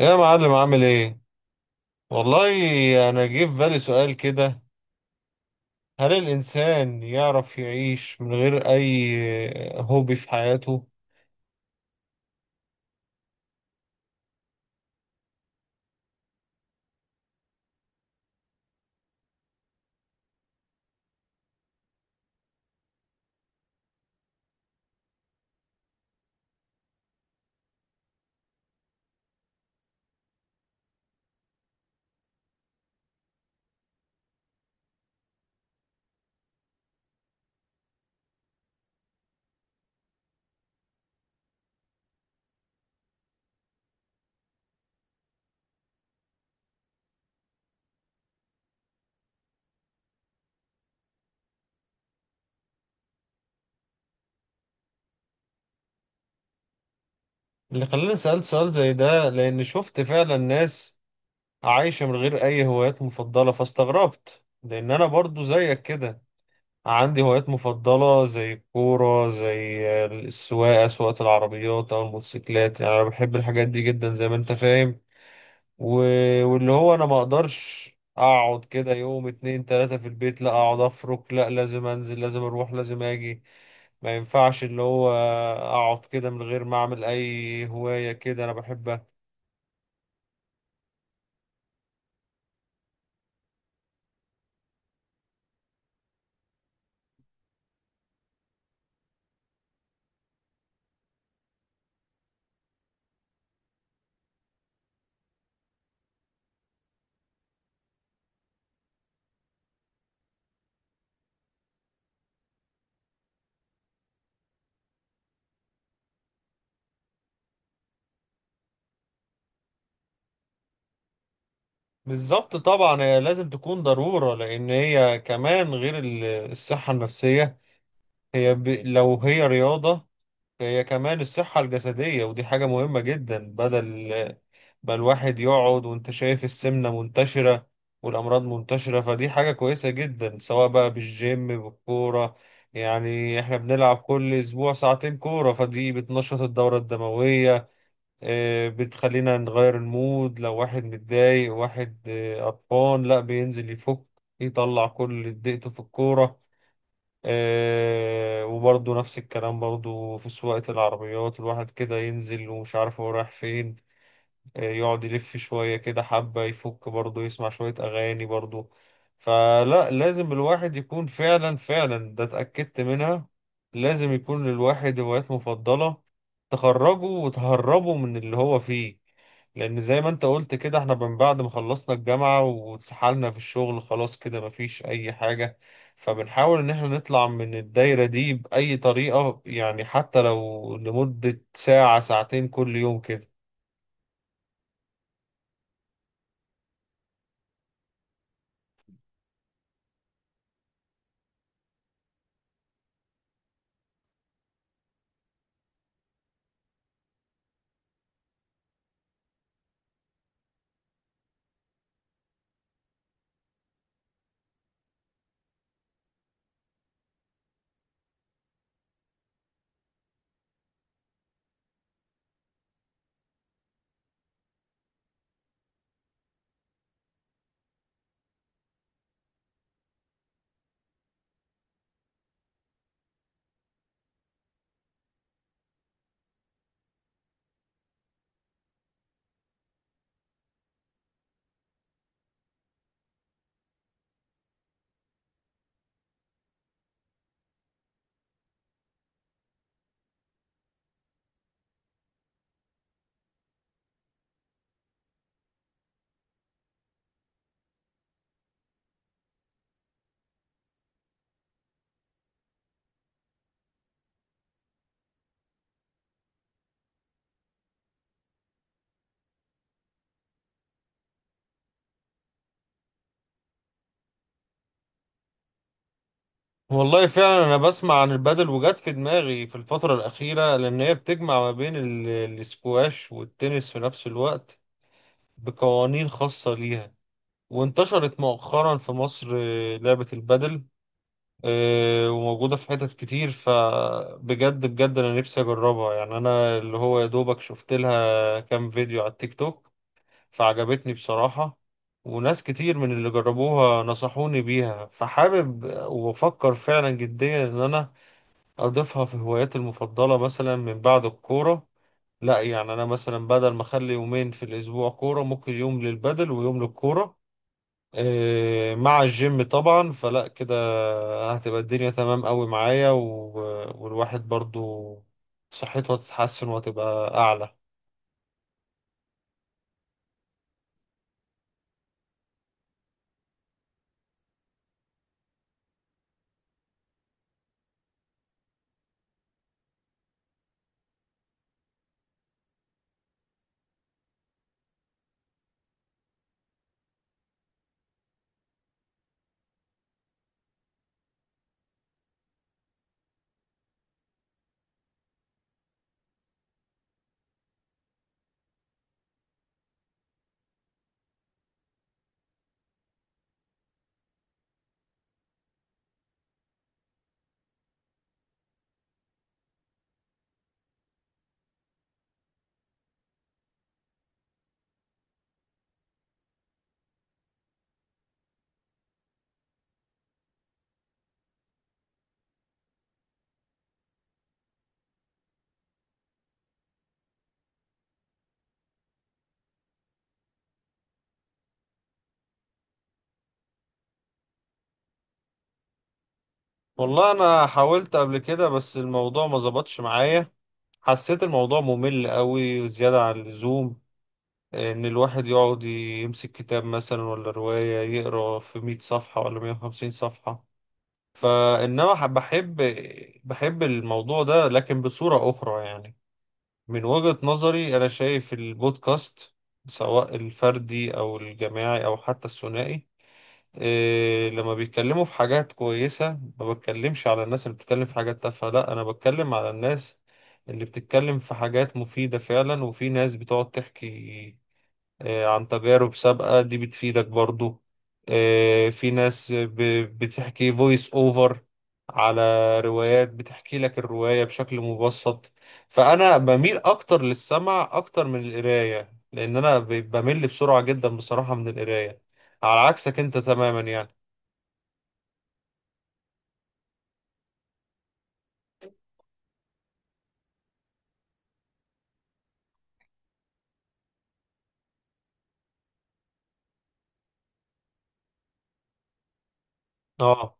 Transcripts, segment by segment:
يا معلم عامل ايه؟ والله انا جه في بالي سؤال كده. هل الانسان يعرف يعيش من غير اي هوبي في حياته؟ اللي خلاني سألت سؤال زي ده لان شفت فعلا ناس عايشة من غير اي هوايات مفضلة، فاستغربت لان انا برضو زيك كده عندي هوايات مفضلة زي الكورة، زي السواقة، سواقة العربيات او الموتوسيكلات. يعني انا بحب الحاجات دي جدا زي ما انت فاهم. واللي هو انا ما اقدرش اقعد كده يوم اتنين تلاتة في البيت، لا اقعد افرك، لا لازم انزل، لازم اروح، لازم اجي. ما ينفعش اللي هو اقعد كده من غير ما اعمل اي هواية كده انا بحبها. بالظبط طبعا، هي لازم تكون ضرورة، لان هي كمان غير الصحة النفسية، هي ب... لو هي رياضة هي كمان الصحة الجسدية، ودي حاجة مهمة جدا بدل بقى الواحد يقعد. وانت شايف السمنة منتشرة والأمراض منتشرة، فدي حاجة كويسة جدا سواء بقى بالجيم بالكورة. يعني احنا بنلعب كل أسبوع ساعتين كورة، فدي بتنشط الدورة الدموية، بتخلينا نغير المود. لو واحد متضايق، واحد قرفان، لا بينزل يفك يطلع كل اللي اتضايقته في الكورة. وبرضه نفس الكلام برضه في سواقة العربيات، الواحد كده ينزل ومش عارف هو رايح فين، يقعد يلف شوية كده حبة يفك، برضه يسمع شوية أغاني برضه. فلا، لازم الواحد يكون فعلا، فعلا ده اتأكدت منها، لازم يكون للواحد هوايات مفضلة تخرجه وتهربه من اللي هو فيه. لأن زي ما انت قلت كده، احنا من بعد ما خلصنا الجامعة واتسحلنا في الشغل خلاص كده مفيش أي حاجة، فبنحاول إن احنا نطلع من الدايرة دي بأي طريقة، يعني حتى لو لمدة ساعة ساعتين كل يوم كده. والله فعلا انا بسمع عن البادل، وجات في دماغي في الفترة الأخيرة لأن هي بتجمع ما بين الاسكواش والتنس في نفس الوقت بقوانين خاصة ليها، وانتشرت مؤخرا في مصر لعبة البادل، وموجودة في حتت كتير. فبجد بجد أنا نفسي أجربها، يعني أنا اللي هو يا دوبك شفت لها كام فيديو على التيك توك فعجبتني بصراحة، وناس كتير من اللي جربوها نصحوني بيها، فحابب وأفكر فعلا جديا إن أنا أضيفها في هواياتي المفضلة مثلا من بعد الكورة. لا يعني أنا مثلا بدل ما أخلي يومين في الأسبوع كورة، ممكن يوم للبدل ويوم للكورة، مع الجيم طبعا. فلا كده هتبقى الدنيا تمام قوي معايا، والواحد برضو صحته هتتحسن وهتبقى أعلى. والله أنا حاولت قبل كده بس الموضوع ما ظبطش معايا، حسيت الموضوع ممل قوي وزيادة عن اللزوم ان الواحد يقعد يمسك كتاب مثلا ولا رواية يقرا في 100 صفحة ولا 150 صفحة. فانما بحب الموضوع ده لكن بصورة اخرى. يعني من وجهة نظري انا شايف البودكاست، سواء الفردي او الجماعي او حتى الثنائي، إيه لما بيتكلموا في حاجات كويسة. ما بتكلمش على الناس اللي بتتكلم في حاجات تافهة، لا انا بتكلم على الناس اللي بتتكلم في حاجات مفيدة فعلا. وفي ناس بتقعد تحكي عن تجارب سابقة، دي بتفيدك برضو. في ناس بتحكي فويس اوفر على روايات، بتحكي لك الرواية بشكل مبسط. فأنا بميل أكتر للسمع أكتر من القراية، لأن أنا بمل بسرعة جدا بصراحة من القراية، على عكسك أنت تماما يعني. آه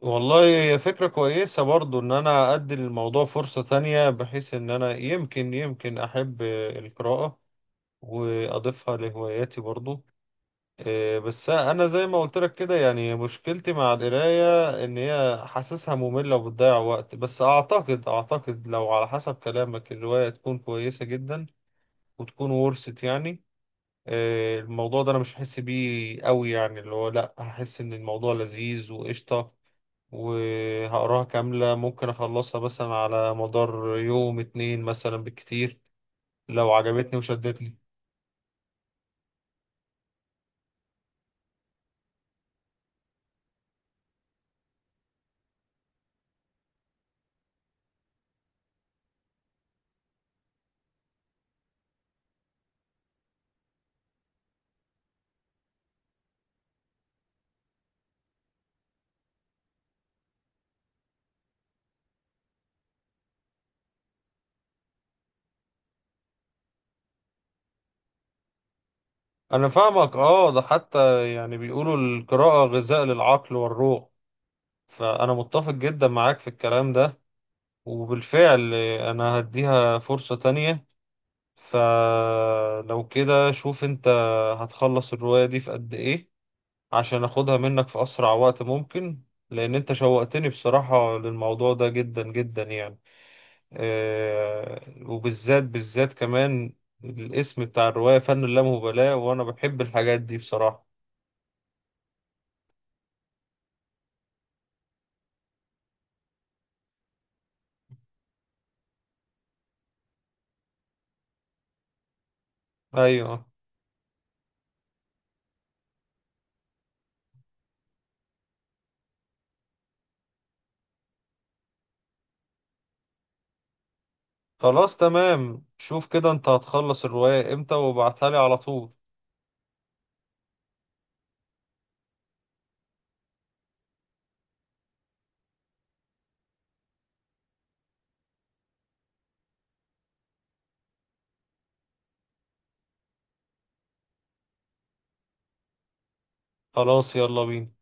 والله فكرة كويسة برضو إن أنا أدي للموضوع فرصة تانية، بحيث إن أنا يمكن يمكن أحب القراءة وأضيفها لهواياتي برضو. إيه، بس انا زي ما قلت لك كده يعني مشكلتي مع القرايه ان هي حاسسها ممله وبتضيع وقت. بس اعتقد اعتقد لو على حسب كلامك الروايه تكون كويسه جدا وتكون ورثت يعني إيه، الموضوع ده انا مش هحس بيه قوي. يعني اللي هو لا، هحس ان الموضوع لذيذ وقشطه وهقراها كاملة، ممكن أخلصها مثلا على مدار يوم اتنين مثلا بالكتير لو عجبتني وشدتني. انا فاهمك اه، ده حتى يعني بيقولوا القراءة غذاء للعقل والروح، فانا متفق جدا معاك في الكلام ده، وبالفعل انا هديها فرصة تانية. فلو كده شوف انت هتخلص الرواية دي في قد ايه عشان اخدها منك في اسرع وقت ممكن، لان انت شوقتني بصراحة للموضوع ده جدا جدا يعني. وبالذات بالذات كمان الاسم بتاع الرواية فن اللامبالاة، وانا بحب الحاجات دي بصراحة. ايوه خلاص تمام، شوف كده انت هتخلص الرواية امتى وابعتها لي على طول. خلاص يلا بينا.